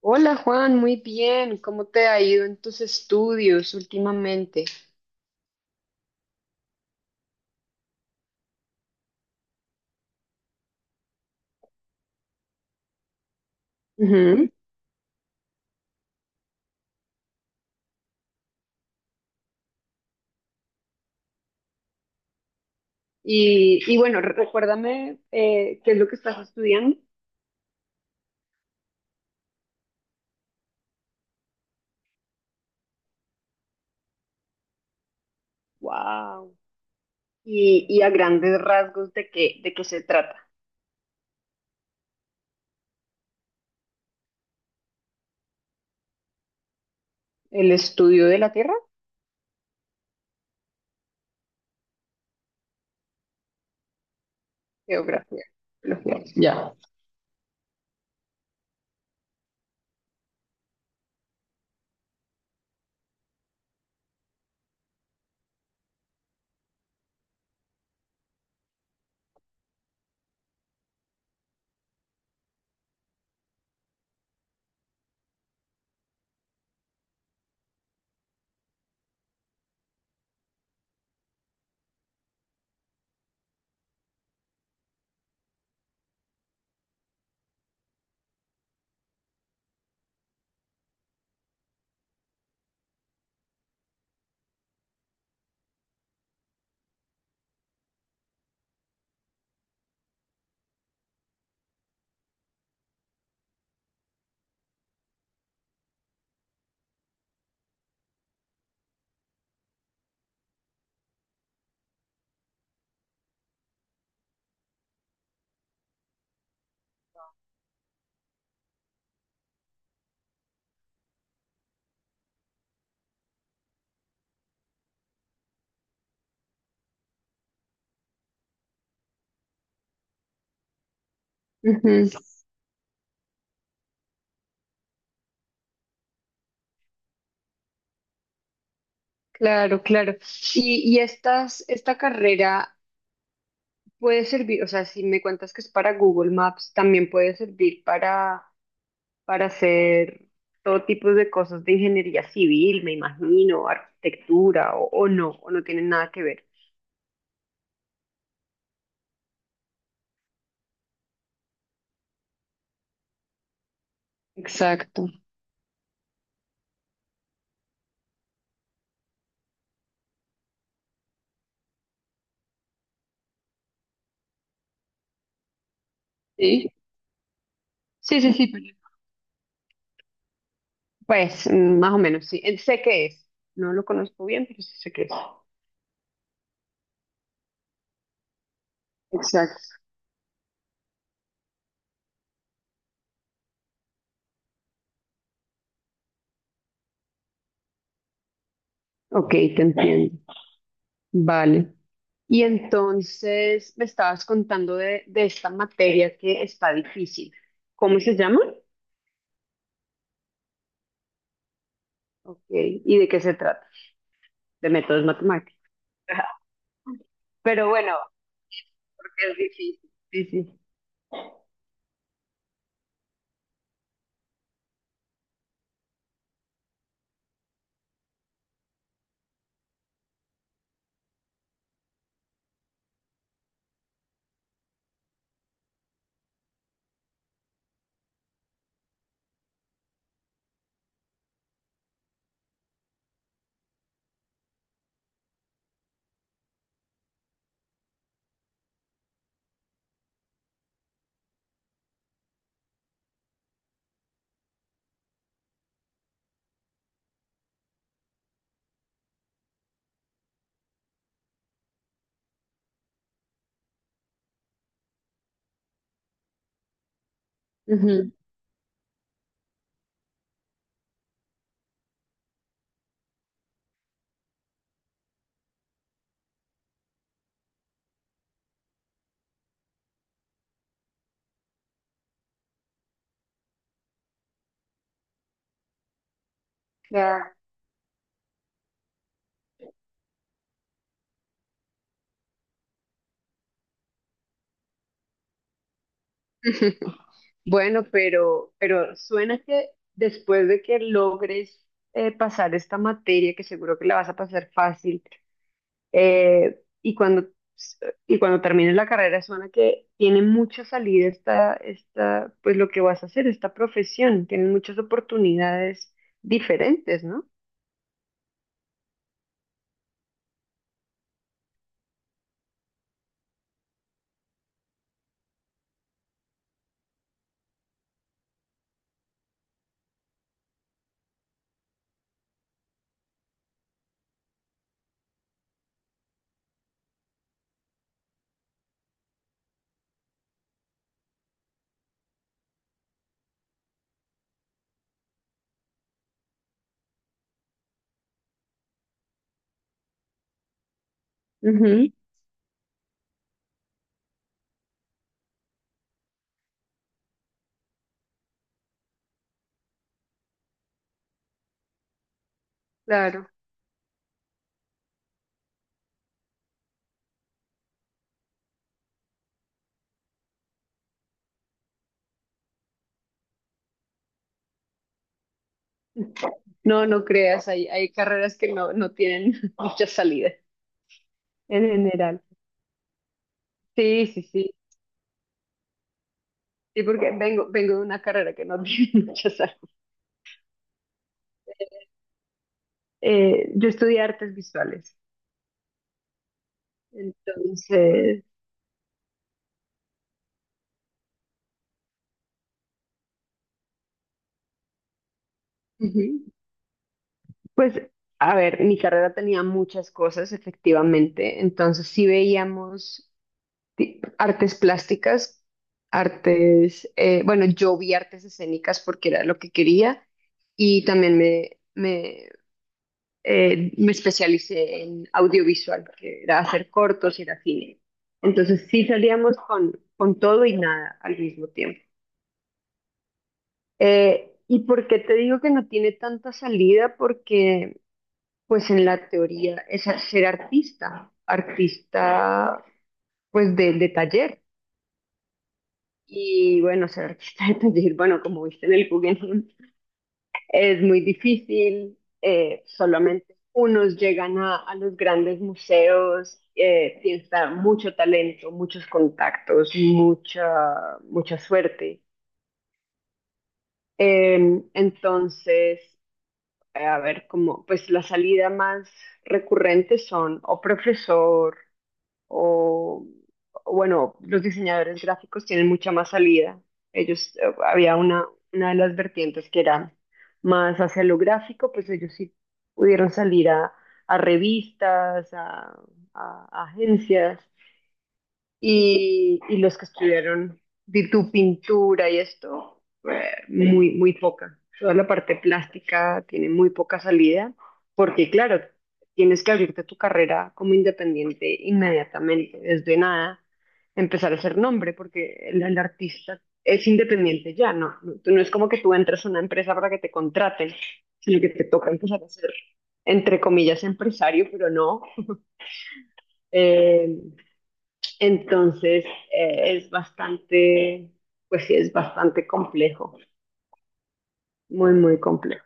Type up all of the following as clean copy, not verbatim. Hola Juan, muy bien. ¿Cómo te ha ido en tus estudios últimamente? Ujú. Y bueno, recuérdame qué es lo que estás estudiando. Wow. Y a grandes rasgos de qué se trata. El estudio de la Tierra, geografía. Geología. Ya. Ujú. Claro, claro. Y estas, esta carrera puede servir, o sea, si me cuentas que es para Google Maps, también puede servir para hacer todo tipo de cosas de ingeniería civil, me imagino, arquitectura o no tienen nada que ver. Exacto. Sí, sí, sí, sí. Pues más o menos, sí. Sé qué es. No lo conozco bien, pero sí sé qué es. Exacto. Ok, te entiendo. Vale. Y entonces me estabas contando de esta materia que está difícil. ¿Cómo se llama? Ok, ¿y de qué se trata? De métodos matemáticos. Pero bueno, porque es difícil. Sí, sí. Ujú. Ya. Bueno, pero suena que después de que logres pasar esta materia, que seguro que la vas a pasar fácil, eh, y cuando, y cuando termines la carrera, suena que tiene mucha salida esta, esta, pues lo que vas a hacer, esta profesión, tiene muchas oportunidades diferentes, ¿no? Ujú, claro. No, no creas, hay carreras que no, no tienen mucha salida en general. Sí, sí, sí. Sí, porque vengo, vengo de una carrera que no tiene muchas artes. Yo estudié artes visuales, entonces, ujú, pues, a ver, mi carrera tenía muchas cosas, efectivamente, entonces sí veíamos artes plásticas, artes, bueno, yo vi artes escénicas porque era lo que quería y también me, me especialicé en audiovisual, que era hacer cortos y era cine. Entonces sí salíamos con todo y nada al mismo tiempo. ¿Y por qué te digo que no tiene tanta salida? Porque pues en la teoría es ser artista, artista pues de taller. Y bueno, ser artista de taller, bueno, como viste en el Guggenheim, es muy difícil, solamente unos llegan a los grandes museos, tienes que dar mucho talento, muchos contactos, mucha, mucha suerte. Eh, entonces, a ver, como, pues la salida más recurrente son o profesor o o bueno, los diseñadores gráficos tienen mucha más salida. Ellos, había una de las vertientes que era más hacia lo gráfico, pues ellos sí pudieron salir a revistas, a, a agencias, y los que estudiaron de tu pintura y esto, muy, muy poca. Toda la parte plástica tiene muy poca salida, porque claro, tienes que abrirte tu carrera como independiente inmediatamente, desde nada, empezar a hacer nombre, porque el artista es independiente ya, no, no, tú no es como que tú entres a una empresa para que te contraten, sino que te toca empezar a ser, entre comillas, empresario, pero no. Eh, entonces, es bastante, pues sí, es bastante complejo, muy, muy complejo.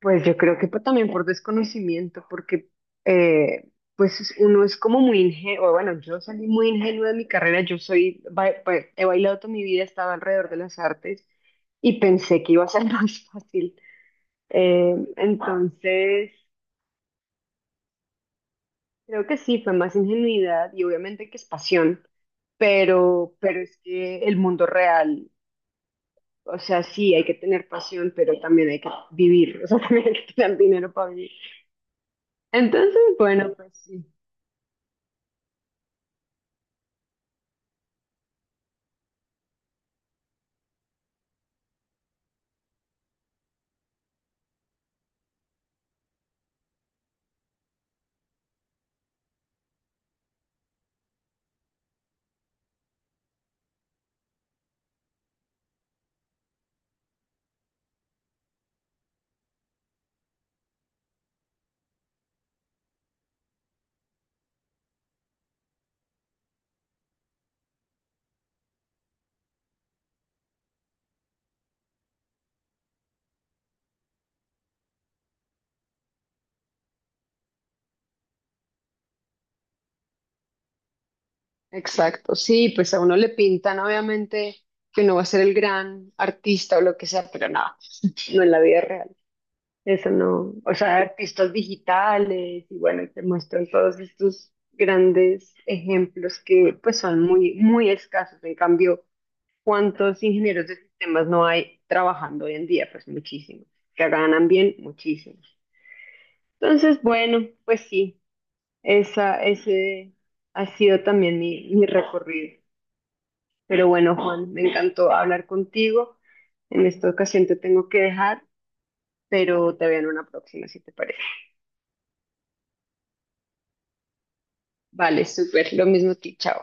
Pues yo creo que también por desconocimiento, porque eh, pues uno es como muy ingenuo, bueno, yo salí muy ingenua de mi carrera, yo soy, he bailado toda mi vida, estaba alrededor de las artes y pensé que iba a ser más fácil. Eh, entonces, Creo que sí, fue más ingenuidad y obviamente que es pasión, pero es que el mundo real. O sea, sí, hay que tener pasión, pero también hay que vivir, o sea, también hay que tener dinero para vivir. Entonces, bueno, pues sí, exacto, sí, pues a uno le pintan obviamente que uno va a ser el gran artista o lo que sea, pero nada, no no en la vida real. Eso no, o sea, artistas digitales y bueno, y te muestran todos estos grandes ejemplos que pues son muy, muy escasos. En cambio, ¿cuántos ingenieros de sistemas no hay trabajando hoy en día? Pues muchísimos. Que ganan bien, muchísimos. Entonces, bueno, pues sí, esa, ese ha sido también mi recorrido. Pero bueno, Juan, me encantó hablar contigo. En esta ocasión te tengo que dejar, pero te veo en una próxima, si te parece. Vale, súper. Lo mismo a ti, chao.